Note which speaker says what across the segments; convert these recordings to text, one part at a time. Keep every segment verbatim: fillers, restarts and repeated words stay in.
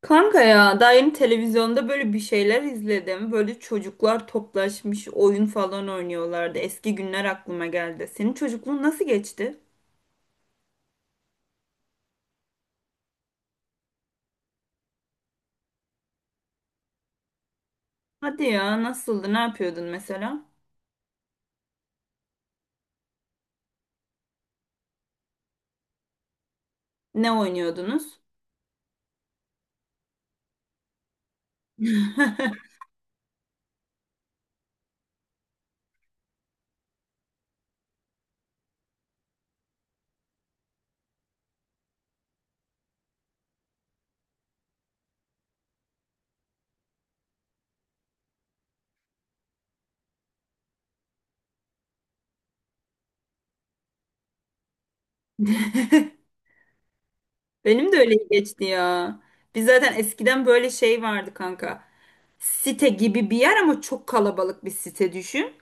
Speaker 1: Kanka ya daha yeni televizyonda böyle bir şeyler izledim. Böyle çocuklar toplaşmış oyun falan oynuyorlardı. Eski günler aklıma geldi. Senin çocukluğun nasıl geçti? Hadi ya, nasıldı? Ne yapıyordun mesela? Ne oynuyordunuz? Benim de öyle geçti ya. Biz zaten eskiden böyle şey vardı kanka. Site gibi bir yer ama çok kalabalık bir site düşün.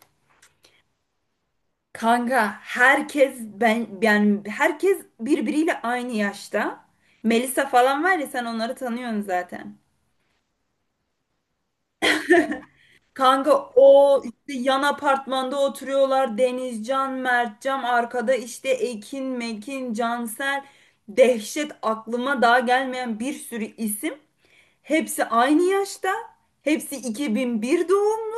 Speaker 1: Kanka herkes, ben yani herkes birbiriyle aynı yaşta. Melisa falan var ya, sen onları tanıyorsun zaten. Kanka o işte yan apartmanda oturuyorlar. Denizcan, Mertcan arkada, işte Ekin, Mekin, Cansel. Dehşet, aklıma daha gelmeyen bir sürü isim. Hepsi aynı yaşta. Hepsi iki bin bir doğum.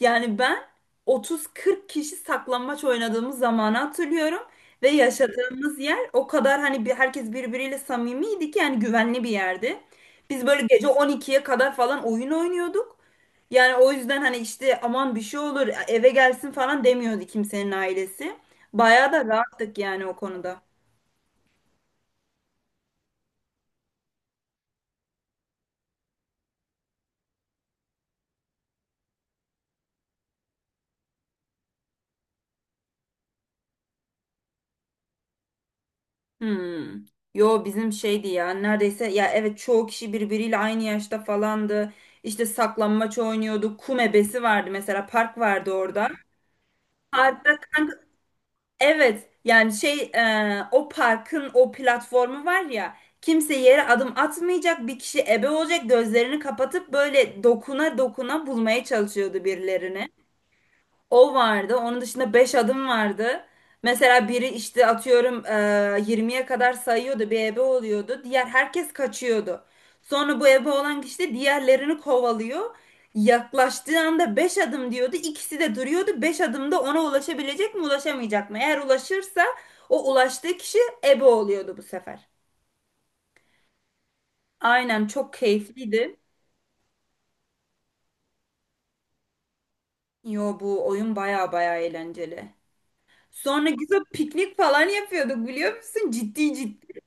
Speaker 1: Yani ben otuz kırk kişi saklambaç oynadığımız zamanı hatırlıyorum ve yaşadığımız yer o kadar, hani bir, herkes birbiriyle samimiydi ki, yani güvenli bir yerdi. Biz böyle gece on ikiye kadar falan oyun oynuyorduk. Yani o yüzden hani işte, aman bir şey olur eve gelsin falan demiyordu kimsenin ailesi. Bayağı da rahattık yani o konuda. Hmm. Yo, bizim şeydi ya, neredeyse ya, evet, çoğu kişi birbiriyle aynı yaşta falandı. İşte saklambaç oynuyorduk. Kum ebesi vardı, mesela park vardı orada. Parkta kanka, evet yani şey e, o parkın o platformu var ya, kimse yere adım atmayacak, bir kişi ebe olacak, gözlerini kapatıp böyle dokuna dokuna bulmaya çalışıyordu birilerini. O vardı. Onun dışında beş adım vardı. Mesela biri işte atıyorum eee, yirmiye kadar sayıyordu, bir ebe oluyordu. Diğer herkes kaçıyordu. Sonra bu ebe olan kişi de diğerlerini kovalıyor. Yaklaştığı anda beş adım diyordu. İkisi de duruyordu. beş adımda ona ulaşabilecek mi, ulaşamayacak mı? Eğer ulaşırsa, o ulaştığı kişi ebe oluyordu bu sefer. Aynen, çok keyifliydi. Yo, bu oyun baya baya eğlenceli. Sonra güzel piknik falan yapıyorduk, biliyor musun? Ciddi ciddi.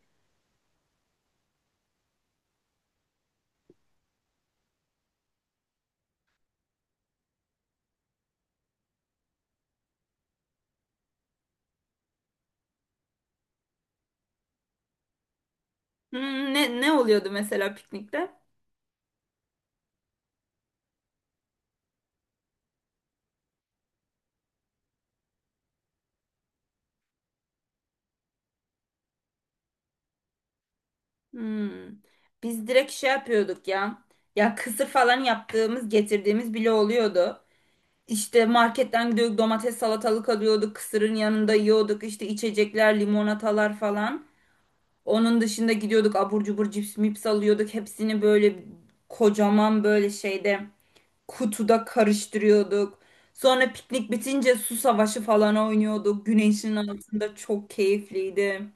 Speaker 1: Hmm, ne ne oluyordu mesela piknikte? Hmm. Biz direkt şey yapıyorduk ya. Ya kısır falan yaptığımız, getirdiğimiz bile oluyordu. İşte marketten gidiyorduk, domates, salatalık alıyorduk, kısırın yanında yiyorduk, işte içecekler, limonatalar falan. Onun dışında gidiyorduk, abur cubur, cips mips alıyorduk. Hepsini böyle kocaman böyle şeyde, kutuda karıştırıyorduk. Sonra piknik bitince su savaşı falan oynuyorduk. Güneşin altında çok keyifliydi.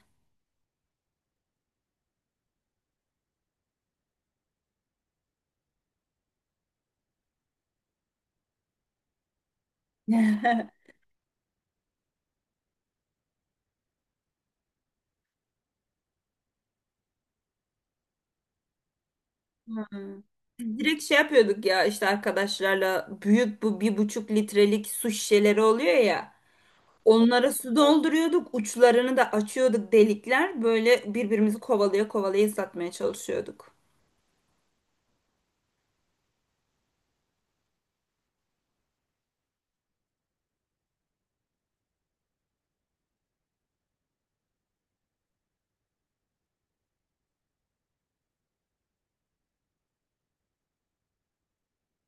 Speaker 1: Hmm. Biz direkt şey yapıyorduk ya, işte arkadaşlarla büyük bu bir buçuk litrelik su şişeleri oluyor ya. Onlara su dolduruyorduk, uçlarını da açıyorduk, delikler. Böyle birbirimizi kovalaya kovalaya satmaya çalışıyorduk.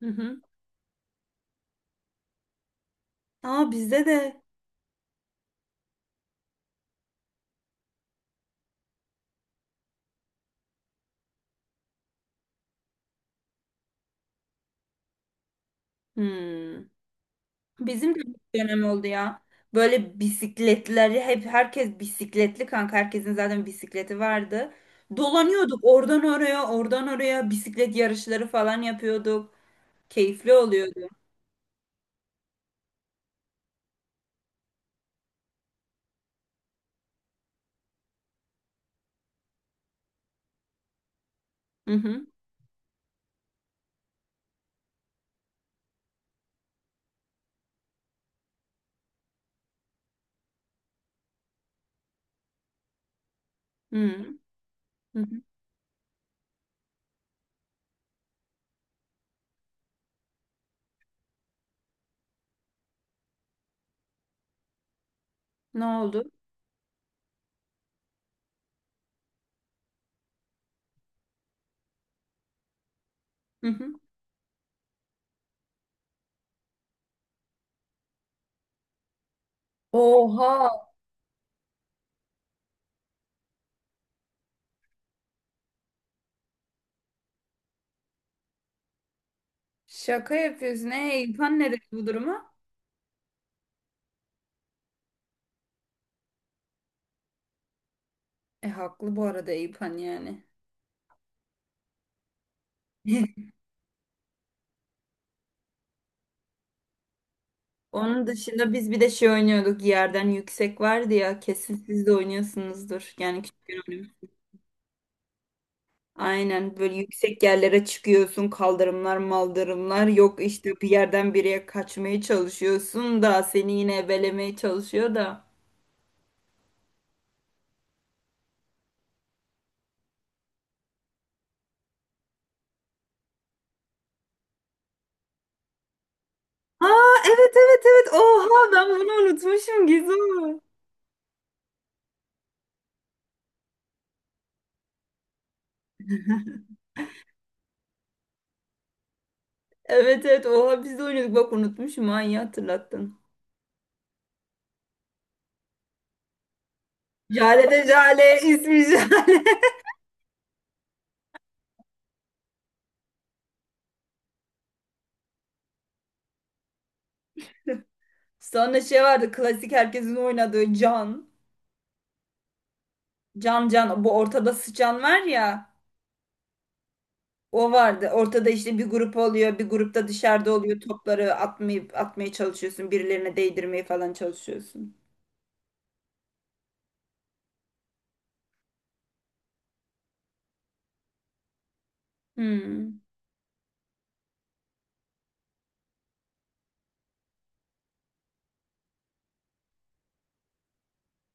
Speaker 1: Hı hı. Aa, bizde de. Hmm. Bizim de bir dönem oldu ya. Böyle bisikletleri hep, herkes bisikletli kanka. Herkesin zaten bisikleti vardı. Dolanıyorduk oradan oraya, oradan oraya, bisiklet yarışları falan yapıyorduk. Keyifli oluyordu. Hı hı. Hı hı. Hı. Ne oldu? Hı hı. Oha! Şaka yapıyorsun. E, İlpan ne dedi bu duruma? E, haklı bu arada İlpan yani. Onun dışında biz bir de şey oynuyorduk. Yerden yüksek vardı ya. Kesin siz de oynuyorsunuzdur. Yani küçükken oynuyorum. Aynen, böyle yüksek yerlere çıkıyorsun. Kaldırımlar, maldırımlar. Yok işte, bir yerden bir yere kaçmaya çalışıyorsun da seni yine ebelemeye çalışıyor da. Aa, evet evet evet. Oha, ben bunu unutmuşum Gizem. Evet evet, oha, biz de oynuyorduk, bak unutmuşum ha, iyi hatırlattın. Jale de, Jale ismi Jale. Sonra şey vardı, klasik herkesin oynadığı Can. Can Can bu, ortada sıçan var ya, o vardı. Ortada işte bir grup oluyor, bir grupta dışarıda oluyor, topları atmayı, atmaya çalışıyorsun, birilerine değdirmeye falan çalışıyorsun. Hmm,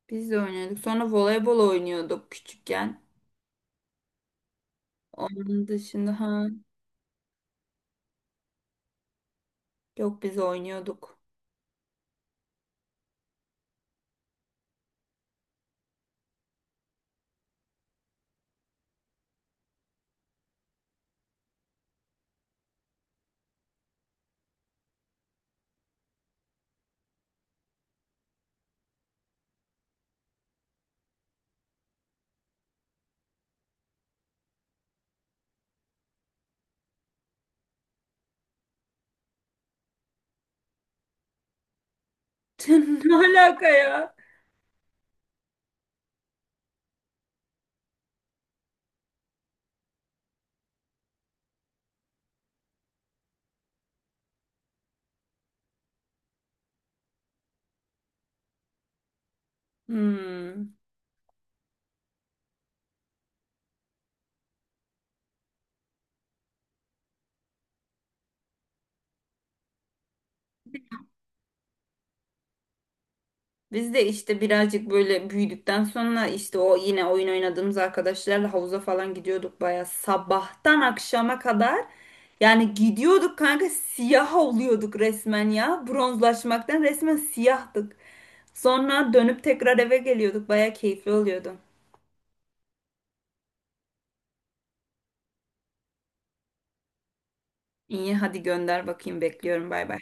Speaker 1: biz de oynuyorduk. Sonra voleybol oynuyorduk küçükken. Onun dışında ha, yok biz oynuyorduk. Ne alaka ya? Hmm. Biz de işte birazcık böyle büyüdükten sonra işte o yine oyun oynadığımız arkadaşlarla havuza falan gidiyorduk, baya sabahtan akşama kadar. Yani gidiyorduk kanka, siyah oluyorduk resmen ya. Bronzlaşmaktan resmen siyahtık. Sonra dönüp tekrar eve geliyorduk. Baya keyifli oluyordu. İyi, hadi gönder, bakayım, bekliyorum, bay bay.